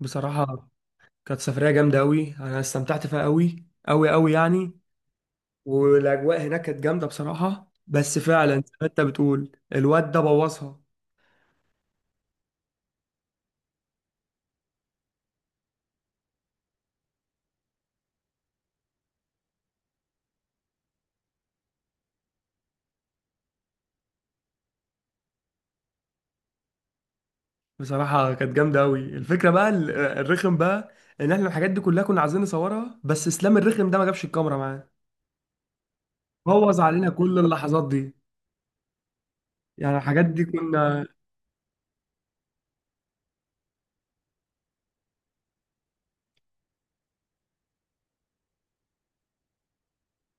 بصراحة، كانت سفرية جامدة أوي. أنا استمتعت فيها أوي أوي أوي يعني، والأجواء هناك كانت جامدة بصراحة، بس فعلا زي ما أنت بتقول الواد ده بوظها. بصراحة كانت جامدة أوي. الفكرة بقى الرخم بقى، إن إحنا الحاجات دي كلها كنا عايزين نصورها، بس إسلام الرخم ده ما جابش الكاميرا معاه. بوظ علينا كل اللحظات دي. يعني الحاجات دي كنا.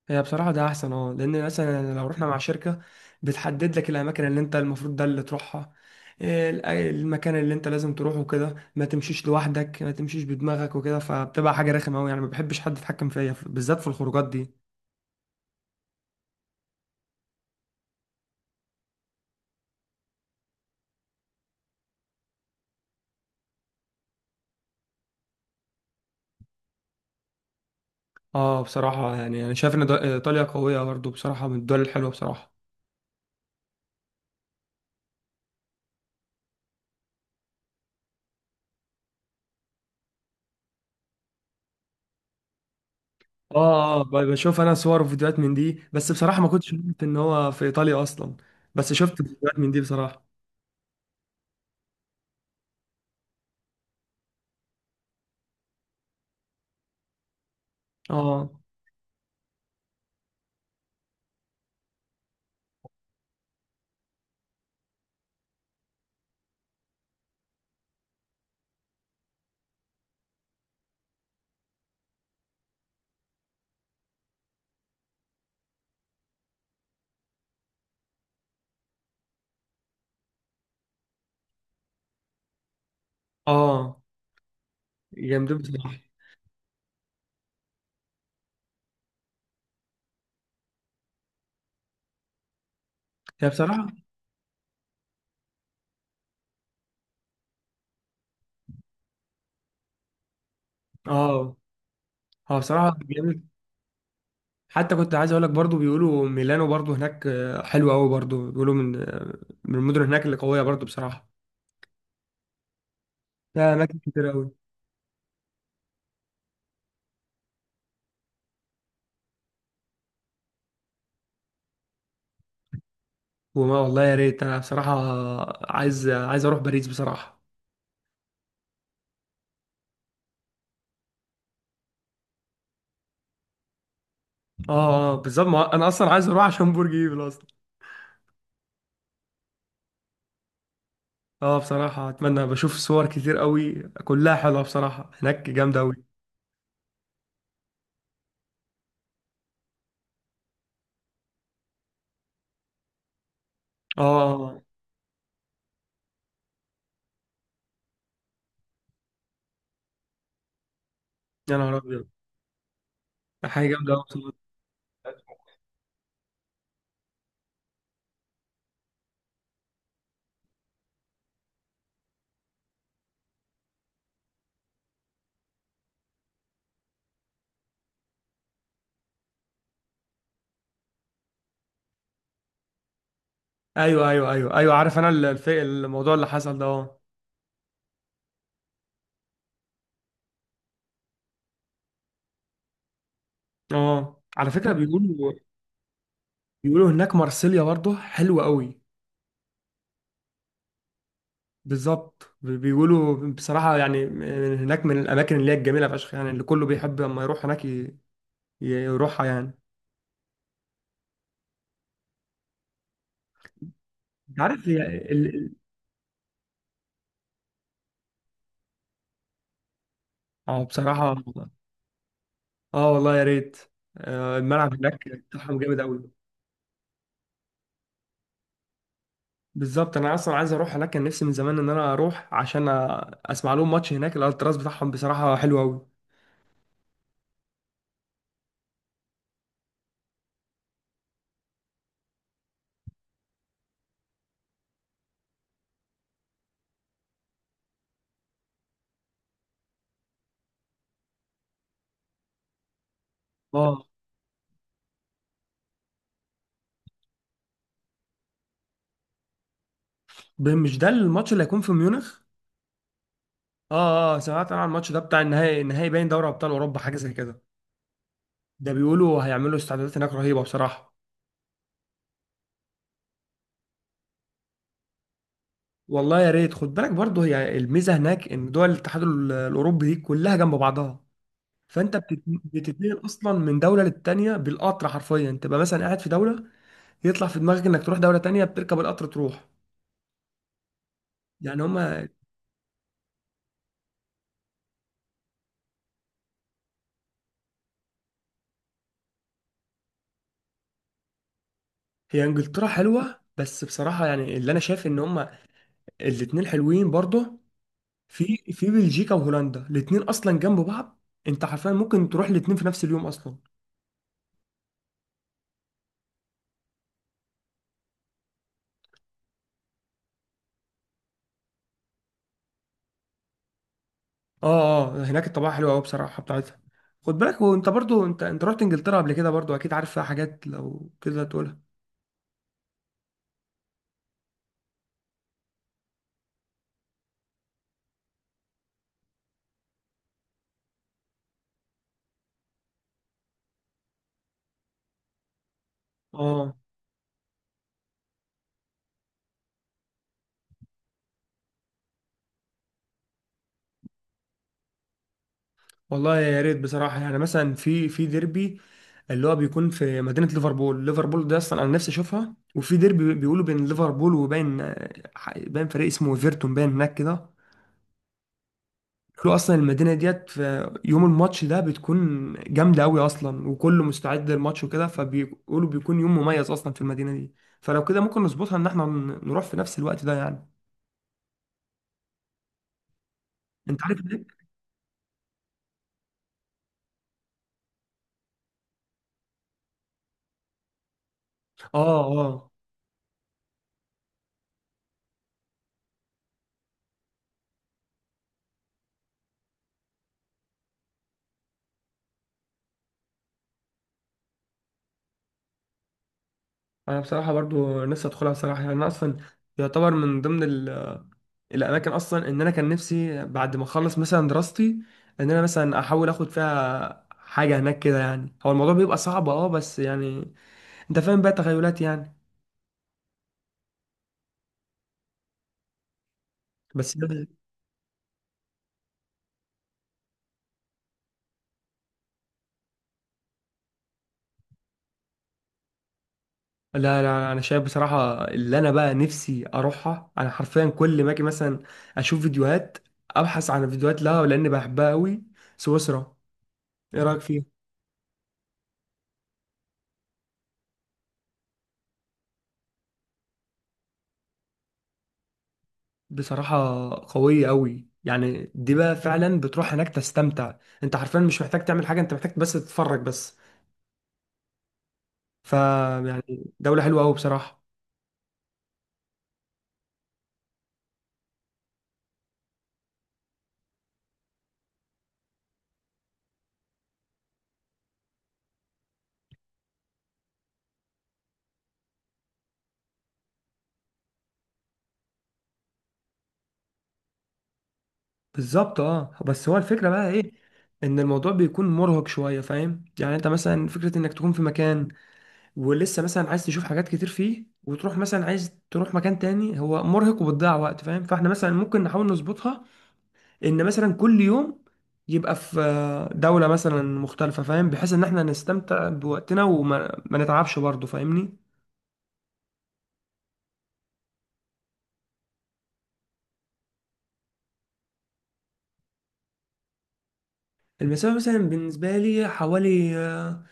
هي بصراحة ده أحسن، أه، لأن مثلا لو رحنا مع شركة بتحدد لك الأماكن اللي أنت المفروض ده اللي تروحها. إيه المكان اللي أنت لازم تروحه كده، ما تمشيش لوحدك، ما تمشيش بدماغك وكده، فبتبقى حاجة رخمة أوي يعني. ما بحبش حد يتحكم فيا، بالذات في الخروجات دي. أه بصراحة، يعني أنا شايف إن إيطاليا قوية برضه بصراحة، من الدول الحلوة بصراحة. أه أه، بشوف أنا صور وفيديوهات من دي، بس بصراحة ما كنتش عارف إن هو في إيطاليا أصلا. بس شفت فيديوهات من دي بصراحة. أه. أه جامدين بصراحة. هي بصراحة. اه، هو بصراحة جامد. حتى كنت عايز اقول لك برضو، بيقولوا ميلانو برضو هناك حلوة قوي برضو، بيقولوا من المدن هناك اللي قوية برضو بصراحة. لا، اماكن كتير قوي. وما والله يا ريت، انا بصراحة عايز اروح باريس بصراحة. اه اه بالظبط، ما انا اصلا عايز اروح عشان برج ايفل اصلا. اه بصراحة اتمنى. بشوف صور كتير قوي كلها حلوة بصراحة، هناك جامدة قوي. اه، اه، آه. يا نهار ابيض. حاجة جامدة قوي بصراحة. ايوه، ايوه، ايوه، ايوه، عارف انا الموضوع اللي حصل ده، اه. اه، على فكرة بيقولوا، هناك مارسيليا برضه حلوة قوي. بالظبط، بيقولوا بصراحة، يعني هناك من الأماكن اللي هي الجميلة فشخ يعني، اللي كله بيحب لما يروح هناك، يروحها يعني. أنت عارف هي ال... ال- اه بصراحة. اه والله يا ريت، الملعب هناك بتاعهم جامد قوي. بالظبط، أنا أصلا عايز أروح هناك، كان نفسي من زمان إن أنا أروح عشان أسمع لهم ماتش هناك. الألتراس بتاعهم بصراحة حلو قوي. اه، مش ده الماتش اللي هيكون في ميونخ؟ اه اه، سمعت انا عن الماتش ده بتاع النهائي، النهائي باين دوري ابطال اوروبا حاجه زي كده. ده بيقولوا هيعملوا استعدادات هناك رهيبه بصراحه. والله يا ريت. خد بالك برضه، هي الميزه هناك ان دول الاتحاد الاوروبي دي كلها جنب بعضها، فانت بتتنقل اصلا من دوله للتانيه بالقطر حرفيا. تبقى مثلا قاعد في دوله، يطلع في دماغك انك تروح دوله تانيه، بتركب القطر تروح يعني. هما. هي انجلترا حلوه، بس بصراحه يعني اللي انا شايف ان هما الاتنين حلوين برضه. في بلجيكا وهولندا، الاتنين اصلا جنب بعض. انت حرفيا ممكن تروح الاتنين في نفس اليوم اصلا. اه اه، هناك الطبيعه حلوه قوي بصراحه بتاعتها. خد بالك، وانت برضو انت رحت انجلترا قبل كده برضو، اكيد عارف فيها حاجات لو كده تقولها. اه والله يا ريت بصراحه، يعني مثلا في ديربي اللي هو بيكون في مدينه ليفربول. ليفربول ده اصلا انا نفسي اشوفها. وفي ديربي بيقولوا بين ليفربول وبين باين فريق اسمه ايفرتون، باين هناك كده. كله اصلا المدينه ديت في يوم الماتش ده بتكون جامده قوي اصلا، وكله مستعد للماتش وكده، فبيقولوا بيكون يوم مميز اصلا في المدينه دي. فلو كده ممكن نظبطها ان احنا نروح في نفس الوقت ده يعني. انت عارف ليه. اه اه، انا بصراحه برضو نفسي ادخلها بصراحه يعني. انا اصلا يعتبر من ضمن الاماكن اصلا، ان انا كان نفسي بعد ما اخلص مثلا دراستي ان انا مثلا احاول اخد فيها حاجه هناك كده يعني. هو الموضوع بيبقى صعب اه، بس يعني انت فاهم بقى، تخيلات يعني. بس يعني. لا، لا، لا، انا شايف بصراحه اللي انا بقى نفسي اروحها. انا حرفيا كل ما اجي مثلا اشوف فيديوهات، ابحث عن فيديوهات لها لان بحبها قوي. سويسرا، ايه رايك فيها؟ بصراحه، قويه قوي يعني. دي بقى فعلا بتروح هناك تستمتع، انت حرفيا مش محتاج تعمل حاجه، انت محتاج بس تتفرج بس. ف يعني دوله حلوه قوي بصراحه. بالظبط اه، بس هو الفكره بقى ايه، ان الموضوع بيكون مرهق شويه فاهم يعني. انت مثلا فكره انك تكون في مكان ولسه مثلا عايز تشوف حاجات كتير فيه، وتروح مثلا عايز تروح مكان تاني، هو مرهق وبتضيع وقت فاهم. فاحنا مثلا ممكن نحاول نظبطها ان مثلا كل يوم يبقى في دولة مثلا مختلفة، فاهم، بحيث ان احنا نستمتع بوقتنا وما ما نتعبش برضه، فاهمني. المسافة مثلا بالنسبة لي حوالي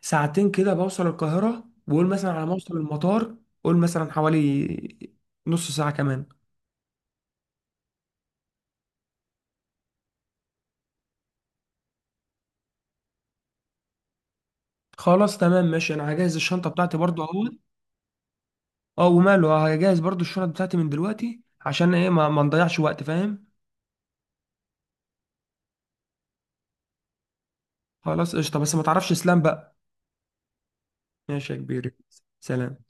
ساعتين كده، بوصل القاهرة. وقول مثلا على ما اوصل المطار، قول مثلا حوالي نص ساعة كمان. خلاص تمام ماشي، انا هجهز الشنطة بتاعتي برضه اهو. اه وماله، هجهز برضو الشنط بتاعتي من دلوقتي، عشان ايه ما نضيعش وقت فاهم. خلاص قشطه، بس ما تعرفش اسلام بقى. ماشي يا كبير. سلام.